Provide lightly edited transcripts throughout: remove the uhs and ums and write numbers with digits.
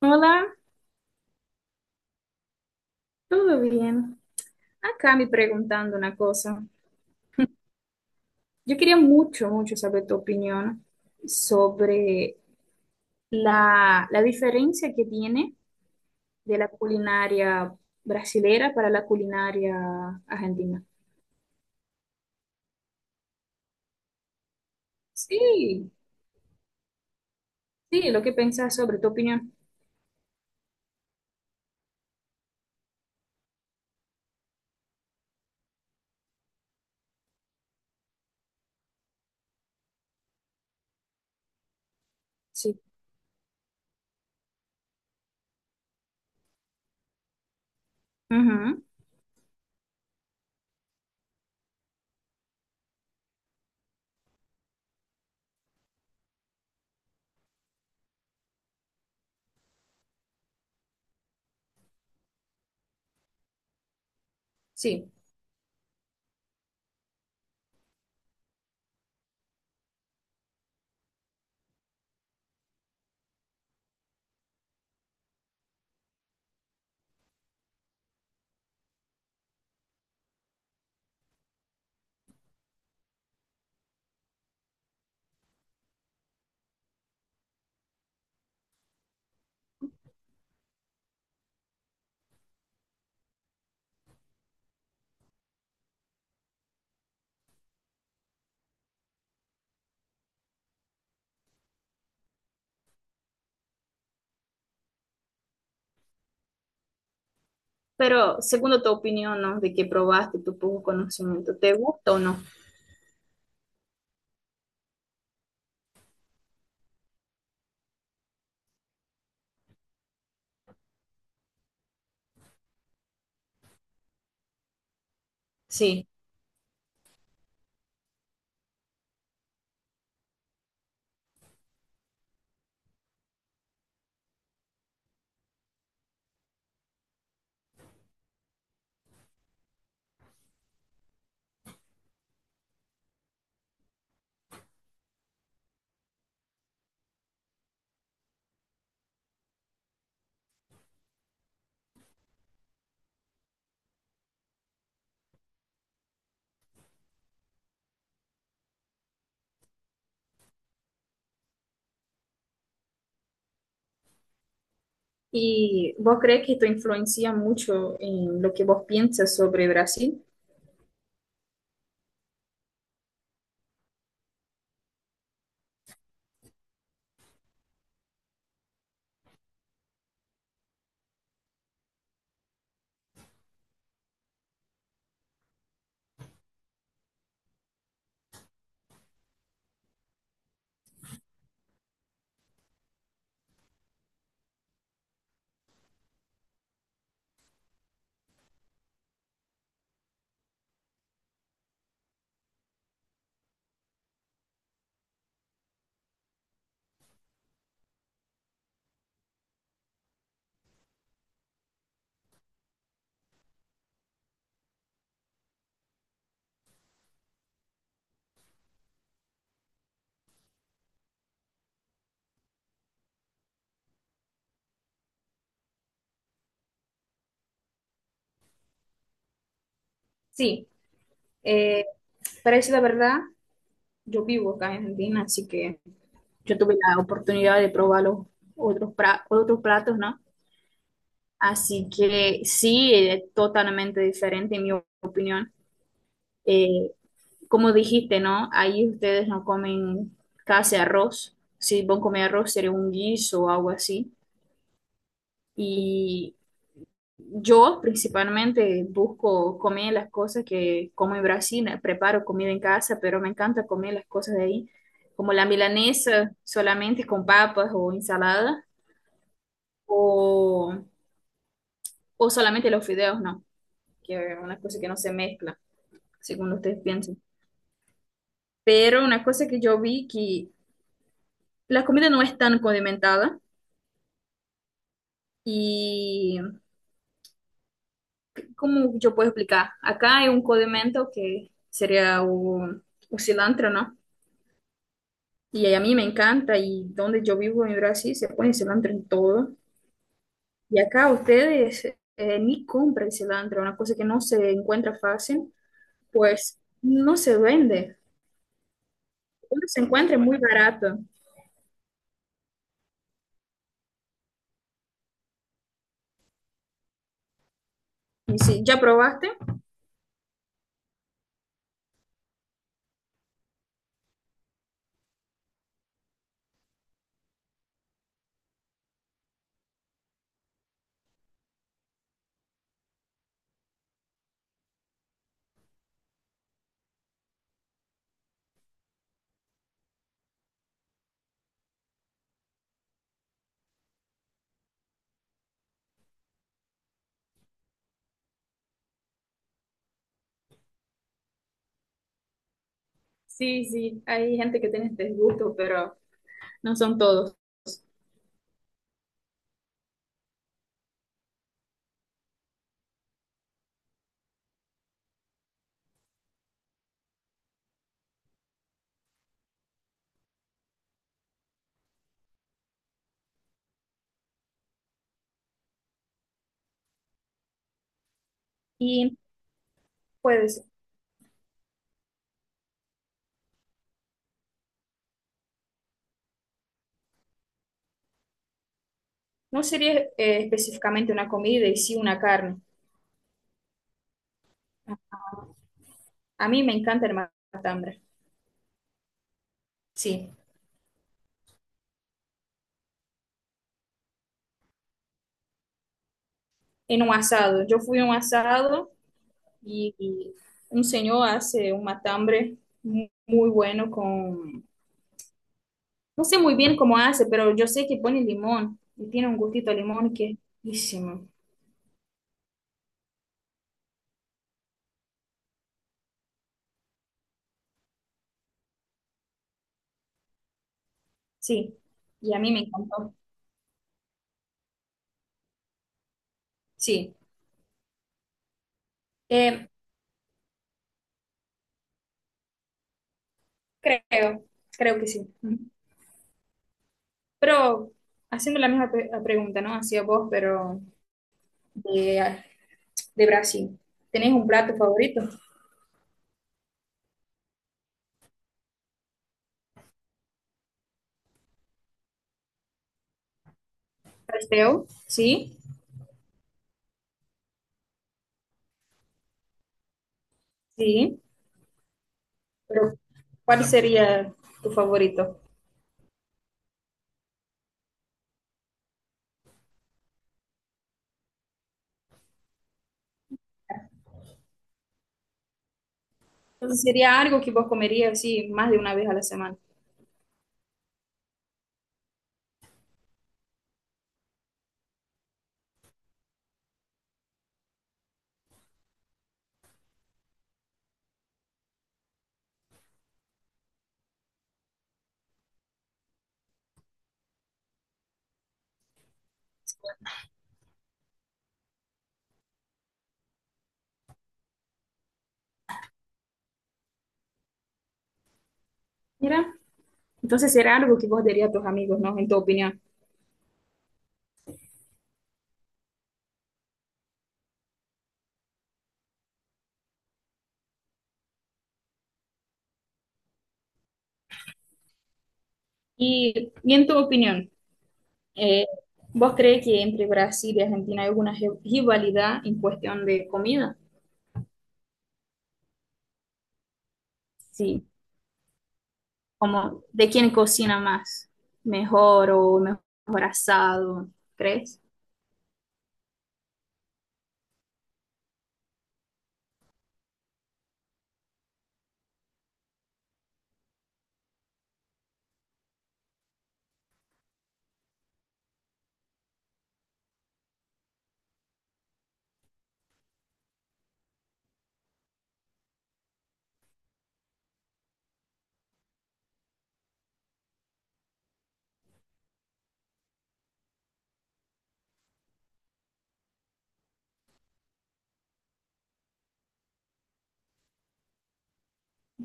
Hola, ¿todo bien? Acá me preguntando una cosa. Yo quería mucho, mucho saber tu opinión sobre la diferencia que tiene de la culinaria brasilera para la culinaria argentina. Sí, sí, lo que pensás sobre tu opinión. Sí. Ujú. Sí, pero según tu opinión, ¿no? De que probaste tu poco conocimiento, ¿te gusta o no? Sí. ¿Y vos crees que esto influencia mucho en lo que vos piensas sobre Brasil? Sí, eh, para decir la verdad, yo vivo acá en Argentina, así que yo tuve la oportunidad de probar los otros platos, ¿no? Así que sí, es totalmente diferente en mi opinión. Eh, Como dijiste, ¿no? Ahí ustedes no comen casi arroz. Si vos comés arroz, sería un guiso o algo así. Y yo principalmente busco comer las cosas que como en Brasil, preparo comida en casa, pero me encanta comer las cosas de ahí, como la milanesa solamente con papas o ensalada, o, o solamente los fideos, no, que es una cosa que no se mezcla, según ustedes piensen. Pero una cosa que yo vi que la comida no es tan condimentada y, ¿cómo yo puedo explicar? Acá hay un condimento que sería un cilantro, ¿no? Y a mí me encanta, y donde yo vivo en Brasil se pone cilantro en todo. Y acá ustedes ni compran cilantro, una cosa que no se encuentra fácil, pues no se vende. Uno se encuentra es muy barato. Y si ya probaste, sí, sí, hay gente que tiene este gusto, pero no son todos. Y pues no sería específicamente una comida y sí una carne. A mí me encanta el matambre, sí, en un asado. Yo fui a un asado. Y un señor hace un muy bueno con, no sé muy bien cómo hace, pero yo sé que pone limón y tiene un gustito a limón que es riquísimo. Sí, y a mí me encantó. Sí. Eh, creo, creo que sí. Ujú. Pero haciendo la la pregunta, ¿no? Hacia vos, pero de, de Brasil. ¿Tenés un plato favorito? Pastel, sí, sí, pero ¿cuál sería tu favorito? Entonces sería algo que vos comerías así más de una vez a la semana. Mira, entonces será algo que vos dirías a tus amigos, ¿no? En tu opinión. Y en tu opinión, eh, ¿vos crees que entre Brasil y Argentina hay alguna rivalidad en cuestión de comida? Sí, como de quién cocina más, mejor o mejor asado, ¿crees?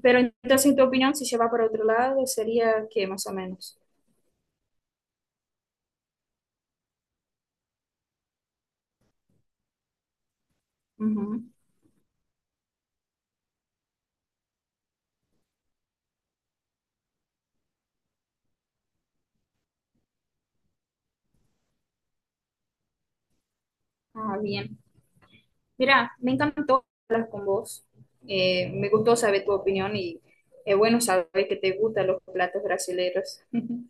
Pero entonces en tu opinión, si se va para otro lado, sería que más o menos. Ujú. Ah, bien. Mira, me encantó hablar con vos. Me gustó saber tu opinión y es bueno saber que te gustan los platos brasileños.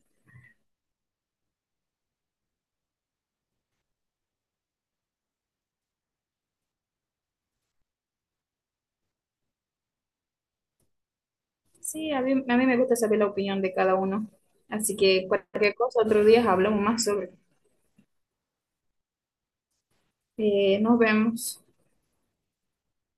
Sí, a mí me gusta saber la opinión de cada uno. Así que cualquier cosa, otro día hablamos más sobre. Nos vemos.